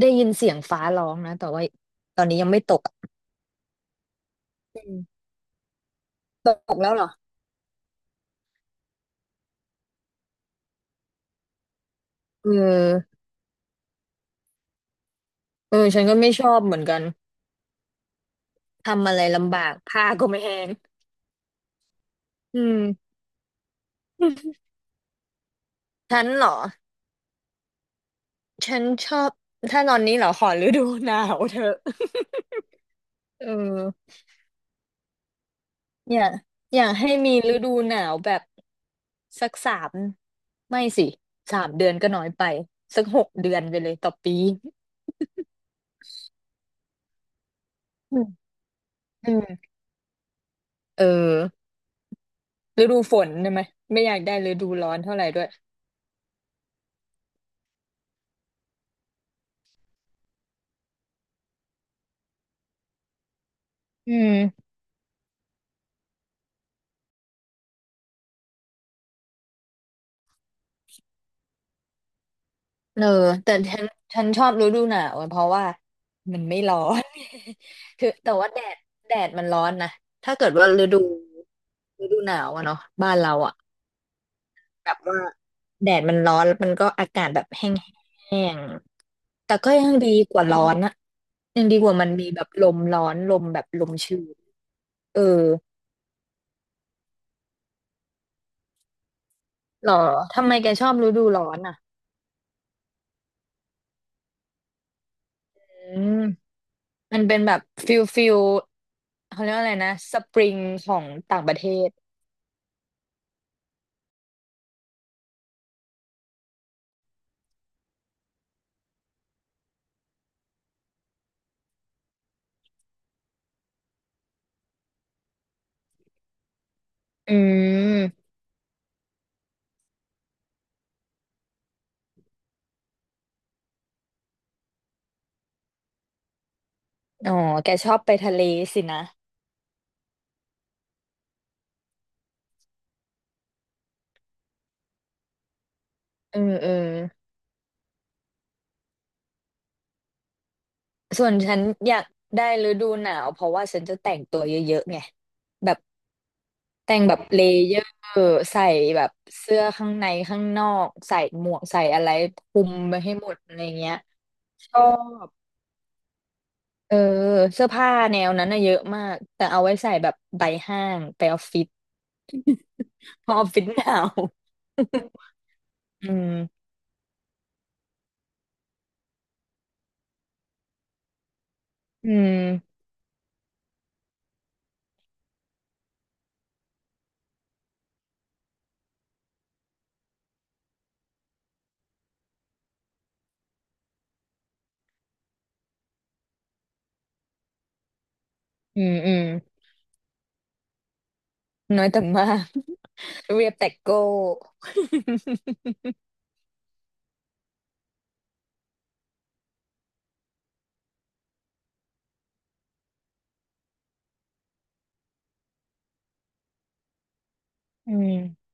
ได้ยินเสียงฟ้าร้องนะแต่ว่าตอนนี้ยังไม่ตกอะอืมตกแล้วเหรอเออเออฉันก็ไม่ชอบเหมือนกันทำอะไรลำบากผ้าก็ไม่แห้งอืมฉันเหรอฉันชอบถ้านอนนี้เหรอขอฤดูหนาวเถอะเอออยากอยากให้มีฤดูหนาวแบบสักสามไม่สิสามเดือนก็น้อยไปสักหกเดือนไปเลยต่อปีอืมอืมเออฤดูฝนใช่ได้ไหมไม่อยากได้ฤดูร้อนเท่าไหร่ด้วย อืมเออแต่ฉันชอบฤดูหนาวอะเพราะว่ามันไม่ร้อน คือแต่ว่าแดดมันร้อนนะถ้าเกิดว่าฤดูหนาวอะเนาะบ้านเราอะแบบว่าแดดมันร้อนแล้วมันก็อากาศแบบแห้งแห้งแต่ก็ยังดีกว่าร้อนอะยังดีกว่ามันมีแบบลมร้อนลมแบบลมชื้นเออหรอทำไมแกชอบฤดูร้อนอะอืมมันเป็นแบบฟิลฟิลเขาเรียกว่าอะไรนะสปริงของต่างประเทศ อืม อ๋อ แกชอบไปทะเลสินะเออเออส่วนฉันอยากได้ฤดูหนาวเพราะว่าฉันจะแต่งตัวเยอะๆไง แบบแต่งแบบเลเยอร์ใส่แบบเสื้อข้างในข้างนอกใส่หมวกใส่อะไรคลุมไปให้หมดอะไรเงี้ยชอบเออเสื้อผ้าแนวนั้นน่ะเยอะมากแต่เอาไว้ใส่แบบไปห้างไปออฟฟิศเพราะออฟฟิศหนาว อืมอืมอืมอืมน้อยแต่มาก เรียบแต่โก้ อืม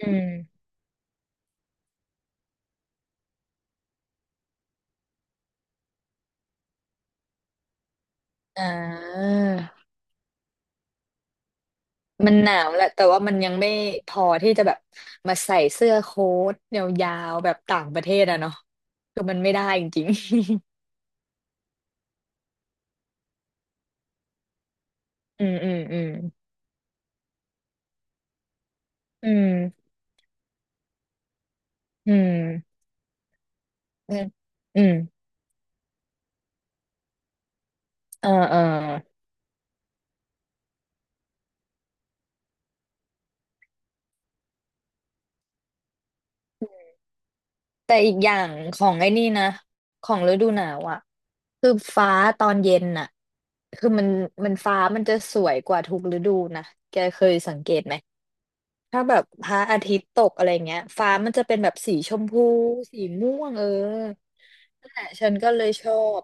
อืมอ่ามันหนาวแหละแต่ว่ามันยังไม่พอที่จะแบบมาใส่เสื้อโค้ทยาวๆแบบต่างประเทศอะเนาะคือมันไม่ได้จริงๆ อืมอืมอืมอืมอืมอืมอืมเออเออแต่อีกอย่างของไอ้นี่นะ ของฤดูหนาวอ่ะคือฟ้าตอนเย็นน่ะคือมันฟ้ามันจะสวยกว่าทุกฤดูนะแกเคยสังเกตไหม ถ้าแบบพระอาทิตย์ตกอะไรเงี้ยฟ้ามันจะเป็นแบบสีชมพูสีม่วงเออนั่นแหละฉันก็เลยชอบ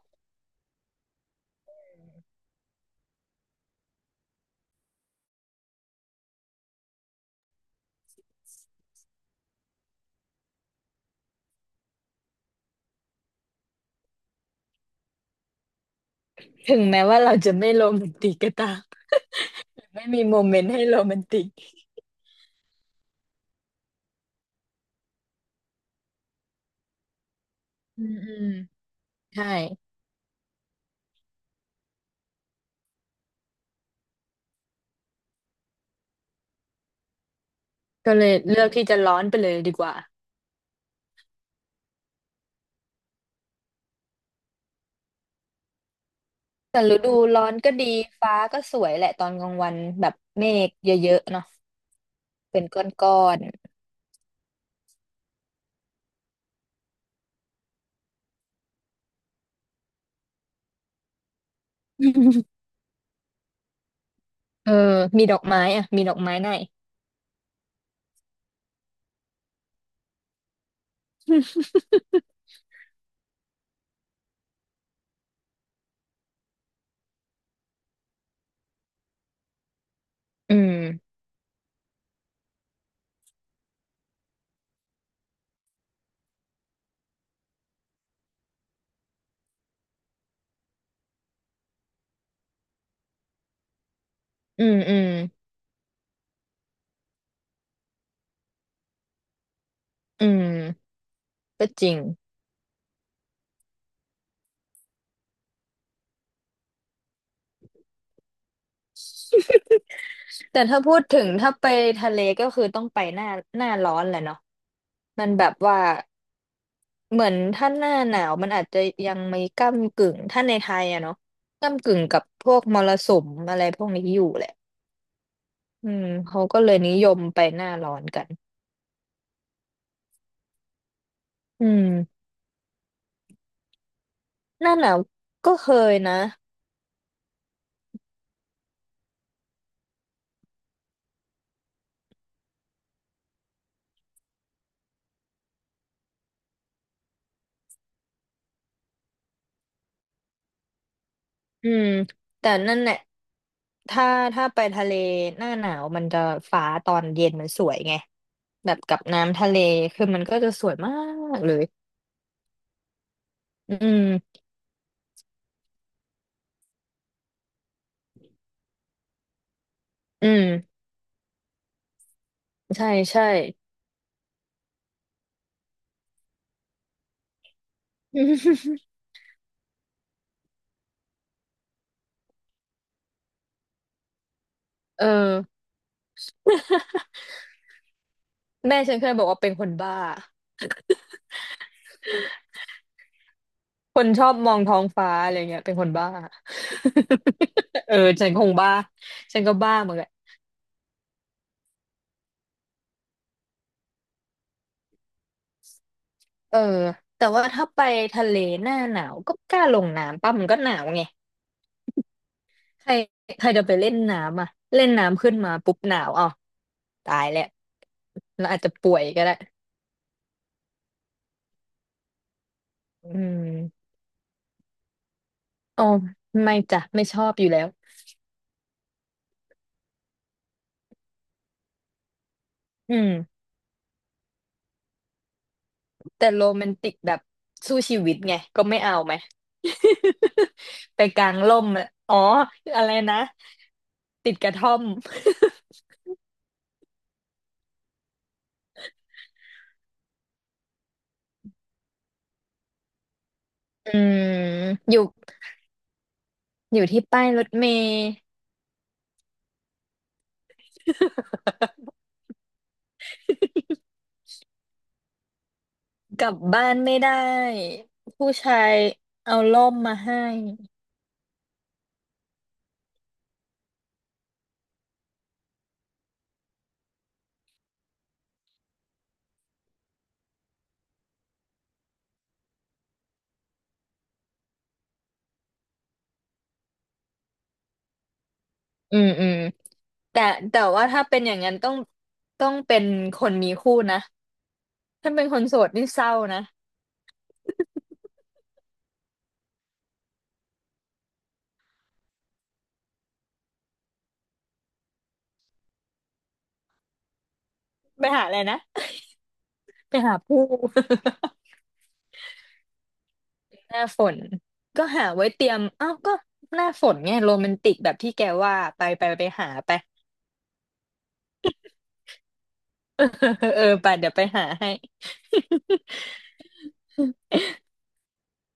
ถึงแม้ว่าเราจะไม่โรแมนติกก็ตามไม่มีโมเมนต์ให้โรแมนติกอืมอืมใช่ก็เลยเลือกที่จะร้อนไปเลยดีกว่าแต่ฤดูร้อนก็ดีฟ้าก็สวยแหละตอนกลางวันแบบเมฆเยอะๆเนาะเป็นก้อนๆ เออมีดอกไม้อ่ะมีดอกไม้หน่อย อืมอืมอืมอืมก็จริง แต่ถ้าพูดถึงถ้าไปทะเลก็คือต้องไปหน้าร้อนแหละเนาะมันแบบว่าเหมือนถ้าหน้าหนาวมันอาจจะยังไม่ก้ำกึ่งถ้าในไทยอะเนาะก้ำกึ่งกับพวกมรสุมอะไรพวกนี้อยู่แหละอืมเขาก็เลยนิยมไปหน้าร้อนกันอืมหน้าหนาวก็เคยนะอืมแต่นั่นแหละถ้าถ้าไปทะเลหน้าหนาวมันจะฟ้าตอนเย็นมันสวยไงแบบกับน้ำทะเลคือมันก็จะสวยมากเลยอืมอืม ใช่ใช่ เออแม่ฉันเคยบอกว่าเป็นคนบ้าคนชอบมองท้องฟ้าอะไรเงี้ยเป็นคนบ้า เออฉันคงบ้าฉันก็บ้าเหมือนกันเออแต่ว่าถ้าไปทะเลหน้าหนาวก็กล้าลงน้ำป่ะมันก็หนาวไงใครใครจะไปเล่นน้ำอ่ะเล่นน้ำขึ้นมาปุ๊บหนาวอ๋อตายแล้วเราอาจจะป่วยก็ได้อืมอ๋อไม่จ้ะไม่ชอบอยู่แล้วอืม แต่โรแมนติกแบบสู้ชีวิตไงก็ไม่เอาไหม ไปกางร่มอะอ๋ออะไรนะติดกระท่อมอืมอยู่อยู่ที่ป้ายรถเมล์ กลับบ้านไม่ได้ผู้ชายเอาร่มมาให้อืมอืมแต่ว่าถ้าเป็นอย่างนั้นต้องเป็นคนมีคู่นะถ้าเป็นคนโสดนี่เศร้านะไปหาอะไรนะ ไปหาผู้ หน้าฝนก็หาไว้เตรียมอ้าวก็หน้าฝนไงโรแมนติกแบบที่แกว่าไปไปไปหาไปเออเออไปเดี๋ยวไปหาให้